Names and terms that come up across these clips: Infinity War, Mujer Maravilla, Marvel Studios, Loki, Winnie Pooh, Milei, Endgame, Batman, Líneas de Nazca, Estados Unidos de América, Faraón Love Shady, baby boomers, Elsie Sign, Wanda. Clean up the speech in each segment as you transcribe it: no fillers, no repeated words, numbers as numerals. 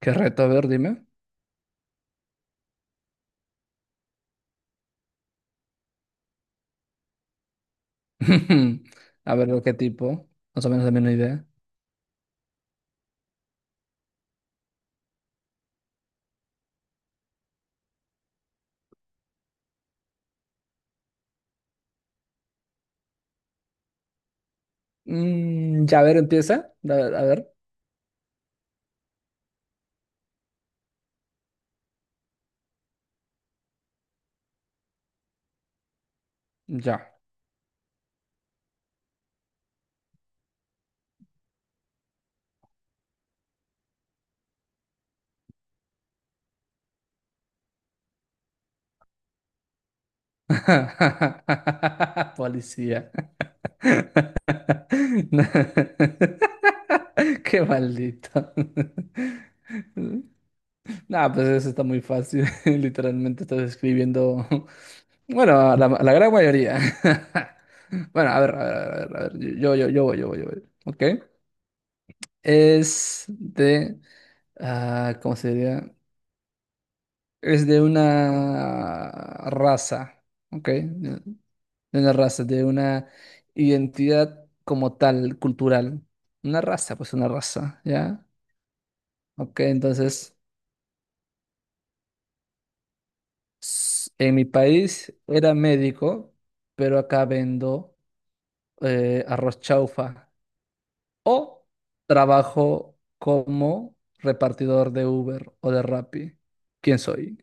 ¿Qué reto? A ver, dime. A ver, ¿de qué tipo? Más o menos también una idea. Ya, a ver, empieza. A ver, a ver. Ya. Policía. No. Qué maldito. Nah, pues eso está muy fácil. Literalmente estás escribiendo. Bueno, la gran mayoría. Bueno, a ver, a ver, a ver, a ver. Yo voy. ¿Ok? Es de. ¿Cómo se diría? Es de una raza, ¿ok? De una raza, de una identidad como tal, cultural. Una raza, pues una raza, ¿ya? Ok, entonces, en mi país era médico, pero acá vendo arroz chaufa. O trabajo como repartidor de Uber o de Rappi. ¿Quién soy?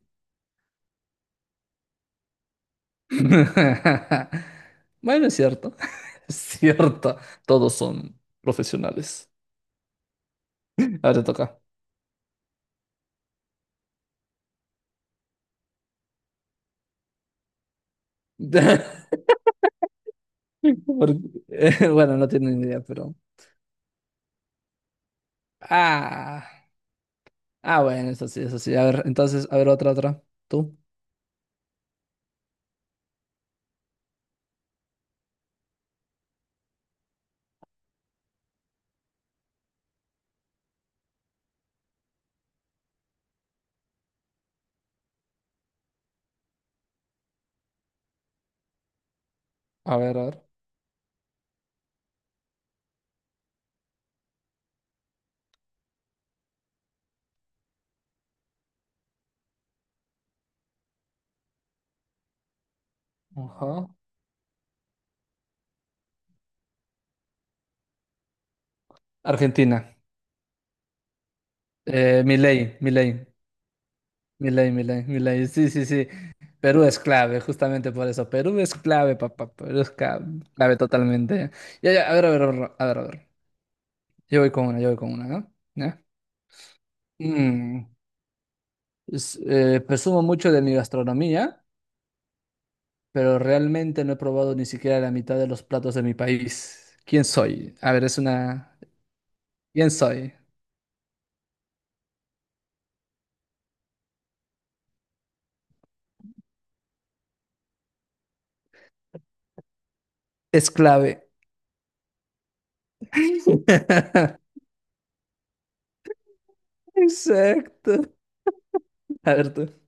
Bueno, es cierto. Es cierto. Todos son profesionales. Ahora te toca. Por- bueno, no tiene ni idea, pero. Ah. Ah, bueno, eso sí, eso sí. A ver, entonces, a ver, otra, otra. Tú. A ver, a ver. Ajá. Argentina. Milei, Milei. Milei, Milei, Milei. Sí, sí, sí. Perú es clave, justamente por eso. Perú es clave, papá. Clave, totalmente. Ya, ya, a ver, a ver, a ver, a ver, a ver. Yo voy con una, ¿no? ¿Ya? Mm, presumo mucho de mi gastronomía, pero realmente no he probado ni siquiera la mitad de los platos de mi país. ¿Quién soy? A ver, es una... ¿Quién soy? Es clave. Exacto. A ver tú.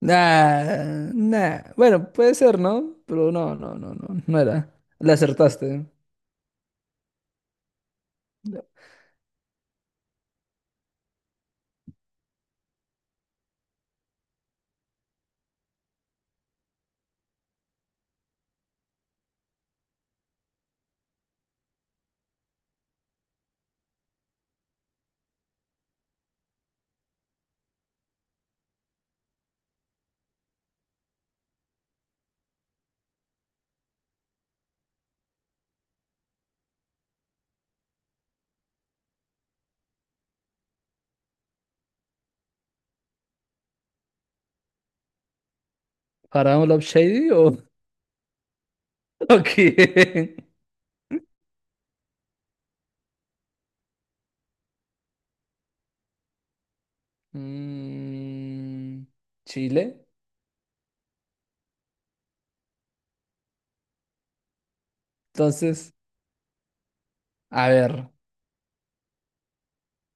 Nah, nah. Bueno, puede ser, ¿no? Pero no, no, no, no, no era. Le acertaste. ¿Faraón Love Shady o, o quién? Mm, Chile. Entonces... A ver.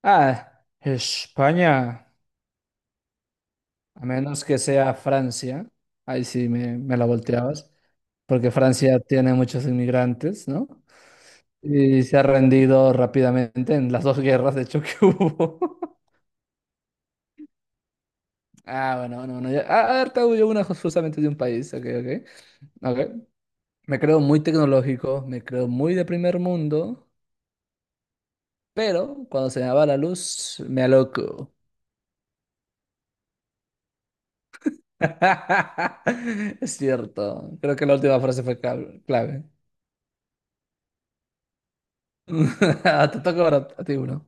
Ah, España. A menos que sea Francia. Ahí sí me la volteabas. Porque Francia tiene muchos inmigrantes, ¿no? Y se ha rendido rápidamente en las dos guerras, de hecho, que hubo. Ah, bueno, bueno, bueno. A ver, te hago yo una justamente de un país. Ok, ok. Ok. Me creo muy tecnológico, me creo muy de primer mundo, pero cuando se me va la luz, me aloco. Es cierto. Creo que la última frase fue cal- clave. Te toca ahora a ti uno.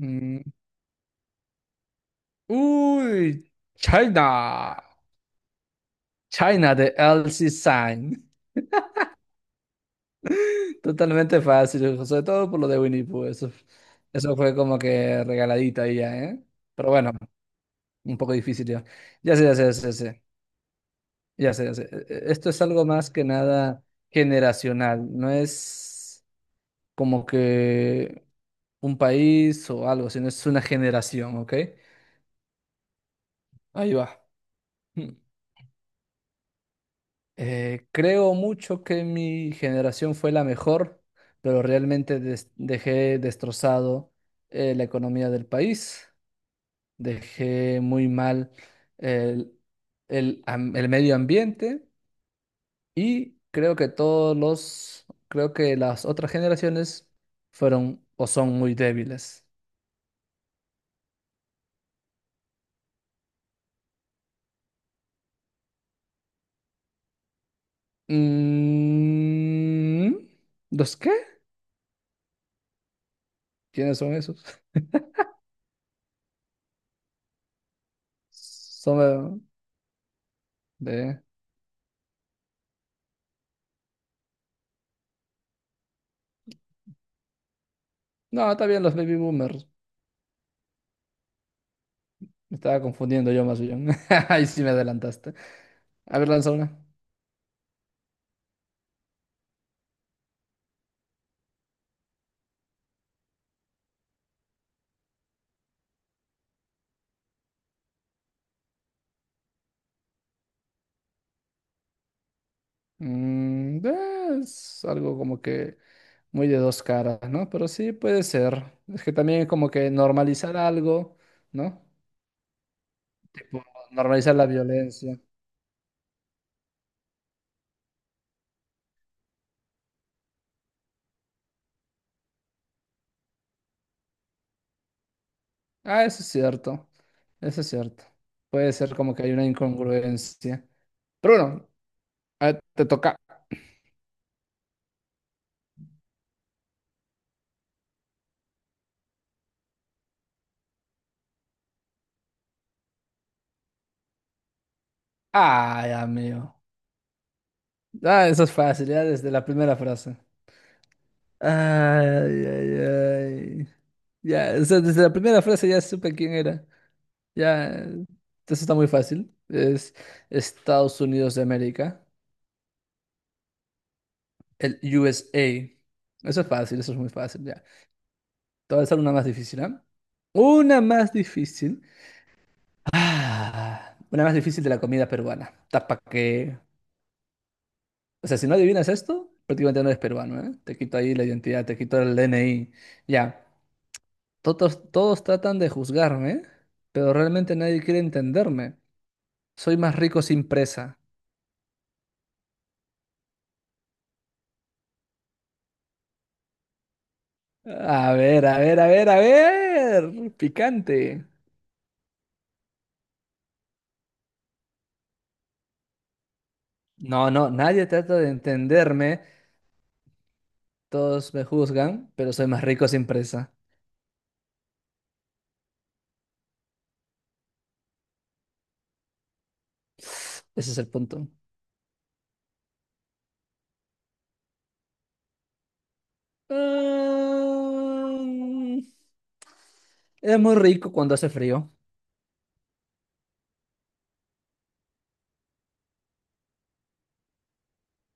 Mm. Uy, China. China de Elsie Sign. Totalmente fácil, sobre todo por lo de Winnie Pooh. Eso fue como que regaladita ahí ya, ¿eh? Pero bueno, un poco difícil ya. Ya sé, ya sé, ya sé, ya sé. Ya sé, ya sé. Esto es algo más que nada generacional. No es como que un país o algo, sino es una generación, ¿ok? Ahí va. Hmm. Creo mucho que mi generación fue la mejor, pero realmente dejé destrozado la economía del país, dejé muy mal el, el medio ambiente y creo que las otras generaciones fueron o son muy débiles. Mm, ¿Los qué? ¿Quiénes son esos? Son de... de- No, está bien, los baby boomers. Me estaba confundiendo yo más bien. Ahí sí me adelantaste. A ver, lanza una. Es algo como que muy de dos caras, ¿no? Pero sí puede ser. Es que también como que normalizar algo, ¿no? Tipo, normalizar la violencia. Ah, eso es cierto. Eso es cierto. Puede ser como que hay una incongruencia. Pero bueno, a ver, te toca. Ay, amigo. Ah, eso es fácil, ya desde la primera frase. Ay, ay, ay. Ya, o sea, desde la primera frase ya supe quién era. Ya, eso está muy fácil. Es Estados Unidos de América, el USA. Eso es fácil, eso es muy fácil, ya. Te voy a hacer una más difícil, ¿ah? Una más difícil. Ah, una más difícil de la comida peruana. Tapa que... O sea, si no adivinas esto, prácticamente no eres peruano, ¿eh? Te quito ahí la identidad, te quito el DNI. Ya. Todos, todos tratan de juzgarme, pero realmente nadie quiere entenderme. Soy más rico sin presa. A ver, a ver, a ver, a ver. Picante. No, no, nadie trata de entenderme. Todos me juzgan, pero soy más rico sin presa. Ese es el punto. Mm, es muy rico cuando hace frío.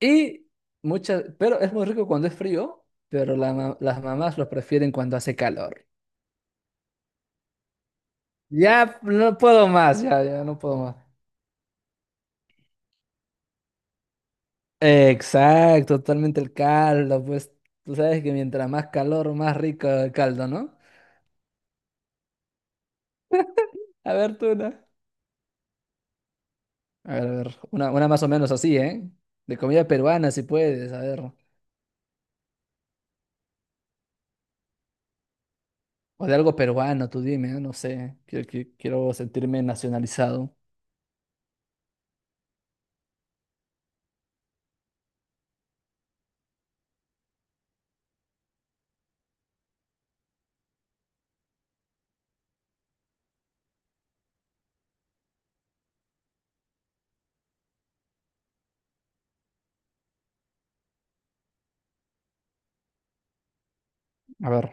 Y muchas, pero es muy rico cuando es frío, pero las mamás lo prefieren cuando hace calor. Ya no puedo más, ya, ya no puedo más. Exacto, totalmente el caldo, pues tú sabes que mientras más calor, más rico el caldo, ¿no? A ver, tú una. A ver, una más o menos así, ¿eh? De comida peruana, si puedes, a ver. O de algo peruano, tú dime, ¿eh? No sé, quiero sentirme nacionalizado. A ver.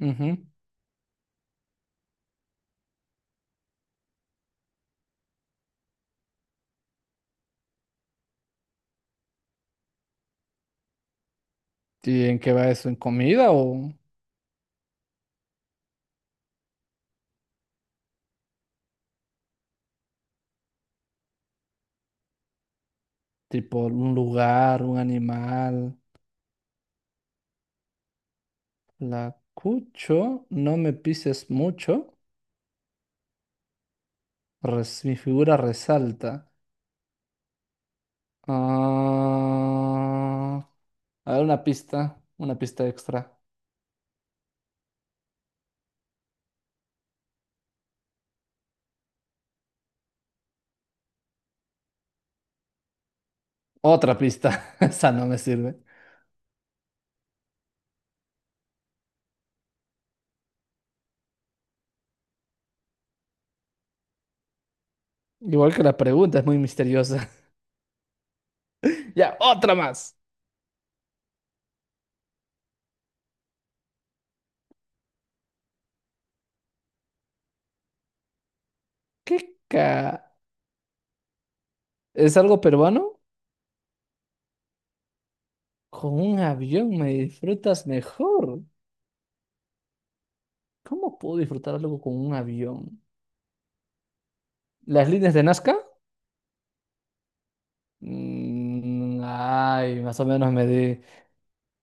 Ujú. ¿Y en qué va eso? ¿En comida o tipo un lugar, un animal? La cucho, no me pises mucho, mi figura resalta. Ah, a ver, una pista extra. Otra pista. Esa no me sirve. Igual que la pregunta, es muy misteriosa. Ya, otra más. ¿Qué ca... ¿Es algo peruano? Con un avión me disfrutas mejor. ¿Cómo puedo disfrutar algo con un avión? ¿Las líneas de Nazca? Mm, ay, más o menos me di.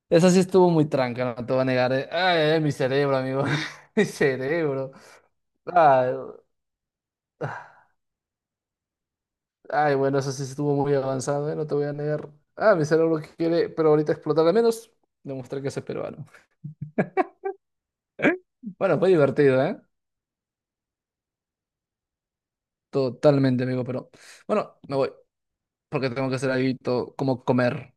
Esa sí estuvo muy tranca, no te voy a negar. Ay, ay, mi cerebro, amigo. Mi cerebro. Ay. Ay, bueno, eso sí estuvo muy avanzado, ¿eh? No te voy a negar. Ah, mi cerebro que quiere, pero ahorita explotar al menos, demostrar que soy peruano. Bueno, fue divertido, ¿eh? Totalmente, amigo, pero bueno, me voy, porque tengo que hacer algo como comer.